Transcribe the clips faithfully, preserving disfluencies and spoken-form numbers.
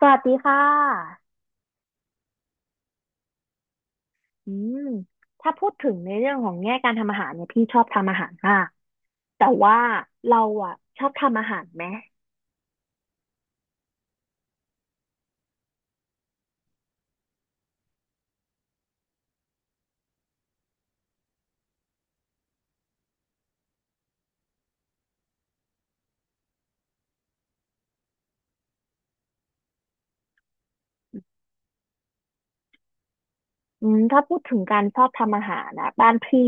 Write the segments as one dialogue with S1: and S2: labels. S1: สวัสดีค่ะอืมถ้าพูดถึงในเรื่องของแง่การทำอาหารเนี่ยพี่ชอบทำอาหารมาก แต่ว่าเราอ่ะชอบทำอาหารไหม อืมถ้าพูดถึงการชอบทำอาหารนะบ้านพี่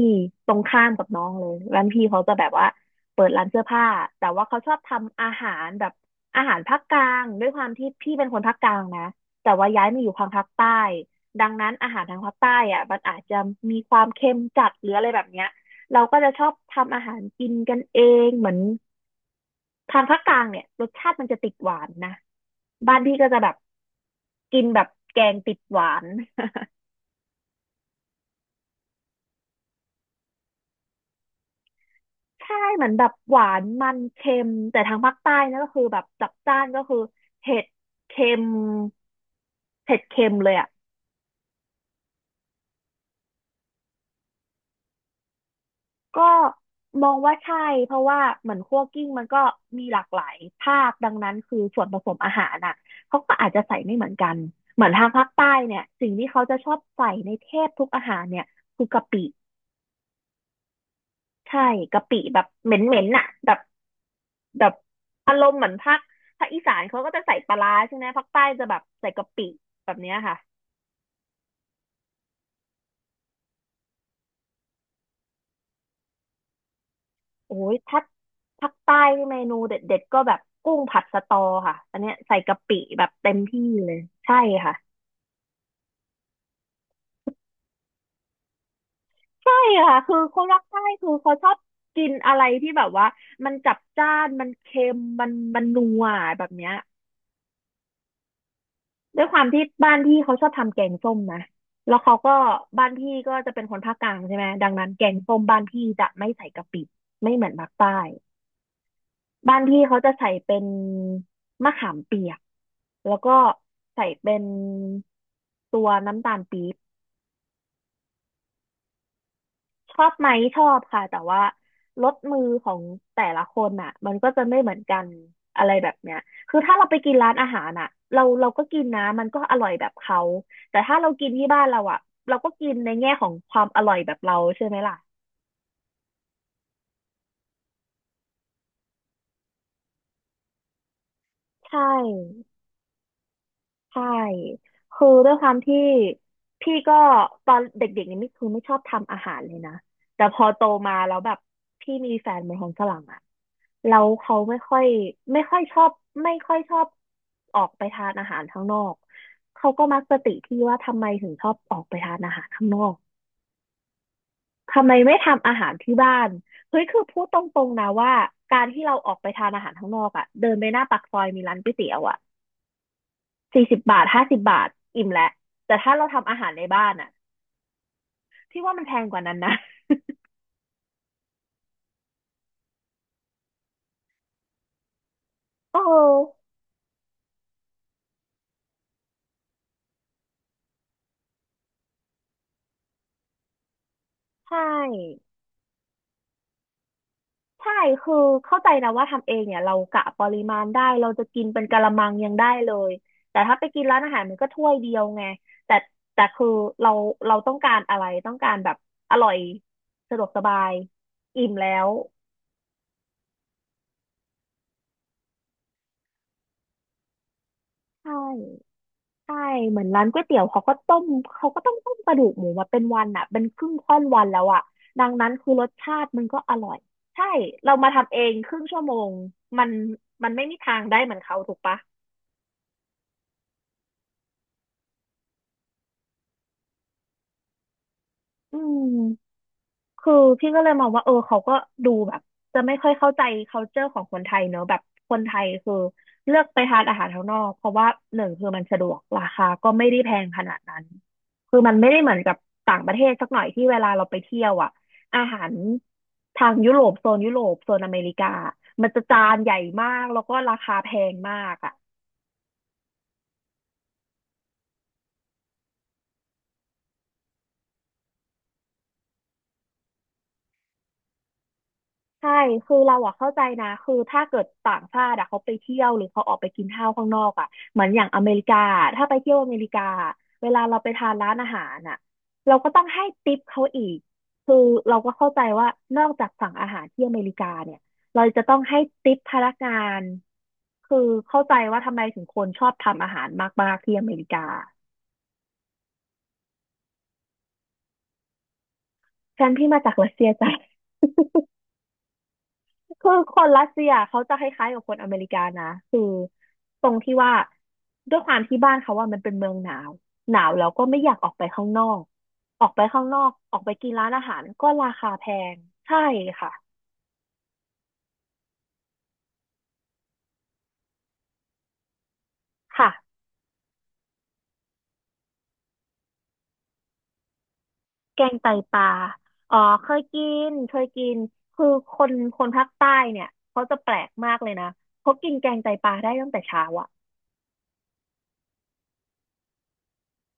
S1: ตรงข้ามกับน้องเลยบ้านพี่เขาจะแบบว่าเปิดร้านเสื้อผ้าแต่ว่าเขาชอบทำอาหารแบบอาหารภาคกลางด้วยความที่พี่เป็นคนภาคกลางนะแต่ว่าย้ายมาอยู่ทางภาคใต้ดังนั้นอาหารทางภาคใต้อ่ะมันอาจจะมีความเค็มจัดหรืออะไรแบบเนี้ยเราก็จะชอบทำอาหารกินกันเองเหมือนทางภาคกลางเนี่ยรสชาติมันจะติดหวานนะบ้านพี่ก็จะแบบกินแบบแกงติดหวาน ใช่เหมือนแบบหวานมันเค็มแต่ทางภาคใต้นะก็คือแบบจัดจ้านก็คือเผ็ดเค็มเผ็ดเค็มเลยอ่ะก็มองว่าใช่เพราะว่าเหมือนคั่วกลิ้งมันก็มีหลากหลายภาคดังนั้นคือส่วนผสมอาหารน่ะเขาก็อาจจะใส่ไม่เหมือนกันเหมือนทางภาคใต้เนี่ยสิ่งที่เขาจะชอบใส่ในแทบทุกอาหารเนี่ยคือกะปิ ใช่กะปิแบบเหม็นเหม็นน่ะแบบแบบอารมณ์เหมือนภาคภาคอีสานเขาก็จะใส่ปลาร้าใช่ไหมภาคใต้จะแบบใส่กะปิแบบเนี้ยค่ะโอ้ยถ้าภาคใต้นี่เมนูเด็ดๆก็แบบกุ้งผัดสะตอค่ะอันเนี้ยใส่กะปิแบบเต็มที่เลยใช่ค่ะใช่ค่ะคือคนรักใต้คือเขาชอบกินอะไรที่แบบว่ามันจัดจ้านมันเค็มมันมันนัวแบบเนี้ย ด้วยความที่บ้านพี่เขาชอบทำแกงส้มนะแล้วเขาก็บ้านพี่ก็จะเป็นคนภาคกลางใช่ไหมดังนั้นแกงส้มบ้านพี่จะไม่ใส่กะปิไม่เหมือนภาคใต้บ้านพี่เขาจะใส่เป็นมะขามเปียกแล้วก็ใส่เป็นตัวน้ำตาลปี๊บ ชอบไหมชอบค่ะแต่ว่าลดมือของแต่ละคนอ่ะมันก็จะไม่เหมือนกันอะไรแบบเนี้ยคือถ้าเราไปกินร้านอาหารอ่ะเราเราก็กินนะมันก็อร่อยแบบเขาแต่ถ้าเรากินที่บ้านเราอ่ะเราก็กินในแง่ของความอร่อยแบบเราใช่ไหมล่ะใช่ ใช่คือด้วยความที่พี่ก็ตอนเด็กๆนี่ไม่คือไม่ชอบทำอาหารเลยนะแต่พอโตมาแล้วแบบพี่มีแฟนเป็นคนฝรั่งอะแล้วเขาไม่ค่อยไม่ค่อยชอบไม่ค่อยชอบออกไปทานอาหารข้างนอกเขาก็มักจะติที่ว่าทำไมถึงชอบออกไปทานอาหารข้างนอกทำไมไม่ทำอาหารที่บ้านเฮ้ยคือพูดตรงๆนะว่าการที่เราออกไปทานอาหารข้างนอกอะเดินไปหน้าปากซอยมีร้านก๋วยเตี๋ยวอะ สี่สิบบาทห้าสิบบาทอิ่มแล้วแต่ถ้าเราทำอาหารในบ้านอ่ะที่ว่ามันแพงกว่านั้นนะเออใช่ใช่คือเข้าใจนะว่าทำเองเนี่ยเรากะปริมาณได้เราจะกินเป็นกะละมังยังได้เลยแต่ถ้าไปกินร้านอาหารมันก็ถ้วยเดียวไงแต่แต่คือเราเราต้องการอะไรต้องการแบบอร่อยสะดวกสบายอิ่มแล้วใช่ ใช่เหมือนร้านก๋วยเตี๋ยวเขาก็ต้มเขาก็ต้องต้มกระดูกหมูมาเป็นวันอ่ะเป็นครึ่งค่อนวันแล้วอ่ะดังนั้นคือรสชาติมันก็อร่อยใช่เรามาทำเองครึ่งชั่วโมงมันมันไม่มีทางได้เหมือนเขาถูกปะอืม คือพี่ก็เลยมองว่าเออเขาก็ดูแบบจะไม่ค่อยเข้าใจ คัลเจอร์ ของคนไทยเนอะแบบคนไทยคือเลือกไปทานอาหารข้างนอกเพราะว่าหนึ่งคือมันสะดวกราคาก็ไม่ได้แพงขนาดนั้นคือมันไม่ได้เหมือนกับต่างประเทศสักหน่อยที่เวลาเราไปเที่ยวอ่ะอาหารทางยุโรปโซนยุโรปโซนอเมริกามันจะจานใหญ่มากแล้วก็ราคาแพงมากอ่ะ ใช่คือเราอะเข้าใจนะคือถ้าเกิดต่างชาติอะเขาไปเที่ยวหรือเขาออกไปกินข้าวข้างนอกอะเหมือนอย่างอเมริกาถ้าไปเที่ยวอเมริกาเวลาเราไปทานร้านอาหารอะเราก็ต้องให้ทิปเขาอีกคือเราก็เข้าใจว่านอกจากสั่งอาหารที่อเมริกาเนี่ยเราจะต้องให้ทิปพนักงานคือเข้าใจว่าทำไมถึงคนชอบทำอาหารมากๆที่อเมริกาฉันพี่มาจากรัสเซียจ้ะ คือคนรัสเซียเขาจะคล้ายๆกับคนอเมริกานะคือตรงที่ว่าด้วยความที่บ้านเขาว่ามันเป็นเมืองหนาวหนาวแล้วก็ไม่อยากออกไปข้างนอกออกไปข้างนอกออกไปกินร้านอาหารก็ราคาแพงใช่ค่ะค่ะแกงไตปลาอ๋อเคยกินเคยกินคือคนคนภาคใต้เนี่ยเขาจะแปลกมากเลยนะเขากินแกงไตปลาได้ตั้งแต่เช้าอ่ะ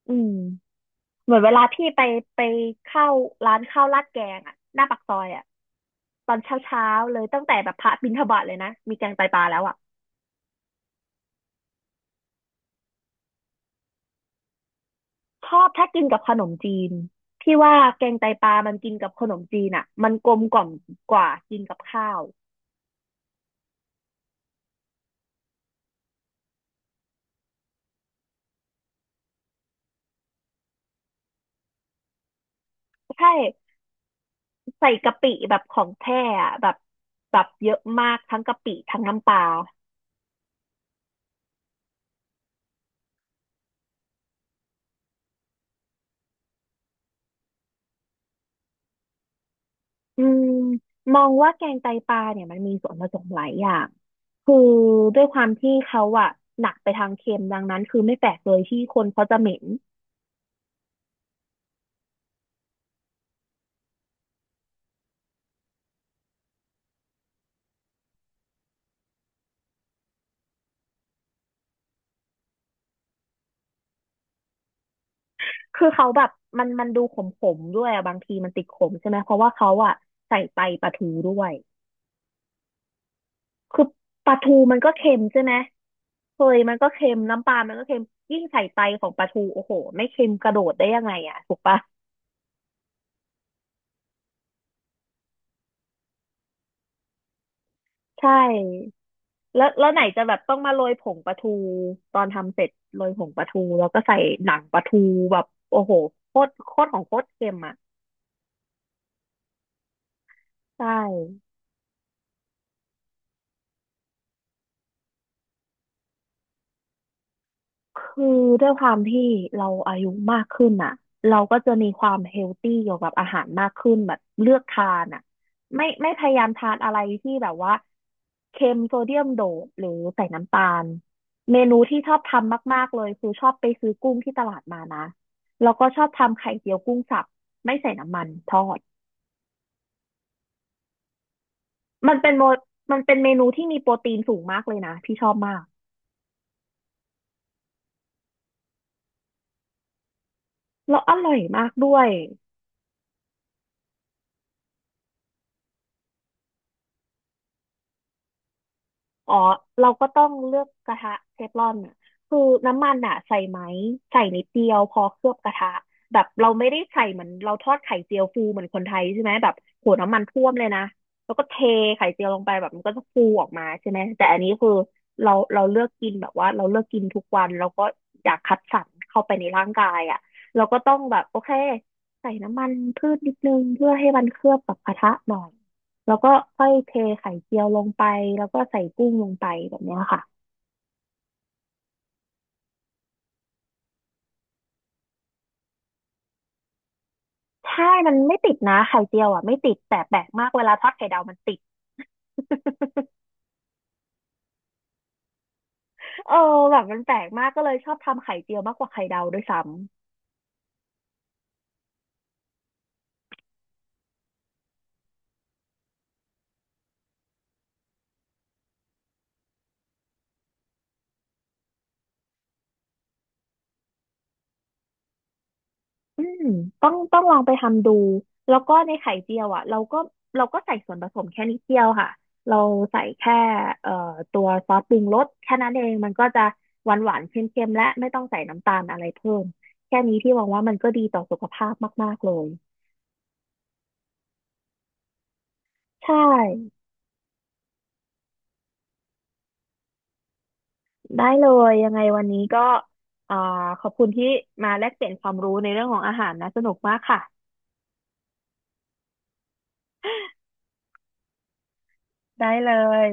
S1: อืม เหมือนเวลาพี่ไปไปเข้าร้านข้าวราดแกงอะหน้าปากซอยอะตอนเช้าเช้าเลยตั้งแต่แบบพระบิณฑบาตเลยนะมีแกงไตปลาแล้วอะชอบถ้ากินกับขนมจีนพี่ว่าแกงไตปลามันกินกับขนมจีนอะมันกลมกล่อมกว่ากินกับข้าวใช่ใส่กะปิแบบของแท้อะแบบแบบเยอะมากทั้งกะปิทั้งน้ำปลา อืมมองว่าแกงไตปลาเนี่ยมันมีส่วนผสมหลายอย่างคือด้วยความที่เขาอะหนักไปทางเค็มดังนั้นคือไม่แปลกเลยที่คนเขาจะเหม็นคือเขาแบบมันมันดูขมๆด้วยอะบางทีมันติดขมใช่ไหมเพราะว่าเขาอะใส่ไตปลาทูด้วยคือปลาทูมันก็เค็มใช่ไหมเคยมันก็เค็มน้ำปลามันก็เค็มยิ่งใส่ไตของปลาทูโอ้โหไม่เค็มกระโดดได้ยังไงอะถูกปะใช่ แล้วแล้วไหนจะแบบต้องมาโรยผงปลาทูตอนทำเสร็จโรยผงปลาทูแล้วก็ใส่หนังปลาทูแบบโอ้โหโคตรโคตรของโคตรเค็มอ่ะใช่ คือด้วยความที่เราอายุมากขึ้นอ่ะเราก็จะมีความเฮลตี้เกี่ยวกับอาหารมากขึ้นแบบเลือกทานอ่ะไม่ไม่พยายามทานอะไรที่แบบว่าเค็มโซเดียมโดดหรือใส่น้ำตาลเมนูที่ชอบทำมากๆเลยคือชอบไปซื้อกุ้งที่ตลาดมานะแล้วก็ชอบทำไข่เจียวกุ้งสับไม่ใส่น้ำมันทอดมันเป็นโมมันเป็นเมนูที่มีโปรตีนสูงมากเลยนะพี่ชอบมากแล้วอร่อยมากด้วย อ๋อเราก็ต้องเลือกกระทะเทฟลอนน่ะคือน้ำมันอ่ะใส่ไหมใส่นิดเดียวพอเคลือบกระทะแบบเราไม่ได้ใส่เหมือนเราทอดไข่เจียวฟูเหมือนคนไทยใช่ไหมแบบโหน้ำมันท่วมเลยนะแล้วก็เทไข่เจียวลงไปแบบมันก็จะฟูออกมาใช่ไหมแต่อันนี้คือเราเราเลือกกินแบบว่าเราเลือกกินทุกวันเราก็อยากคัดสรรเข้าไปในร่างกายอ่ะเราก็ต้องแบบโอเคใส่น้ำมันพืชนิดนึงเพื่อให้มันเคลือบกับกระทะหน่อย แล้วก็ค่อยเทไข่เจียวลงไปแล้วก็ใส่กุ้งลงไปแบบเนี้ยค่ะใช่มันไม่ติดนะไข่เจียวอ่ะไม่ติดแต่แปลกมากเวลาทอดไข่ดาวมันติด เออแบบมันแปลกมากก็เลยชอบทำไข่เจียวมากกว่าไข่ดาวด้วยซ้ำอืมต้องต้องลองไปทำดูแล้วก็ในไข่เจียวอ่ะเราก็เราก็ใส่ส่วนผสมแค่นิดเดียวค่ะเราใส่แค่เอ่อตัวซอสปรุงรสแค่นั้นเองมันก็จะหวานหวานเค็มๆและไม่ต้องใส่น้ำตาลอะไรเพิ่มแค่นี้ที่หวังว่ามันก็ดีต่อสุขภาพมากๆเลย ใช่ได้เลยยังไงวันนี้ก็อ่าขอบคุณที่มาแลกเปลี่ยนความรู้ในเรื่องของอาหารนะสนุกมากค่ะได้เลย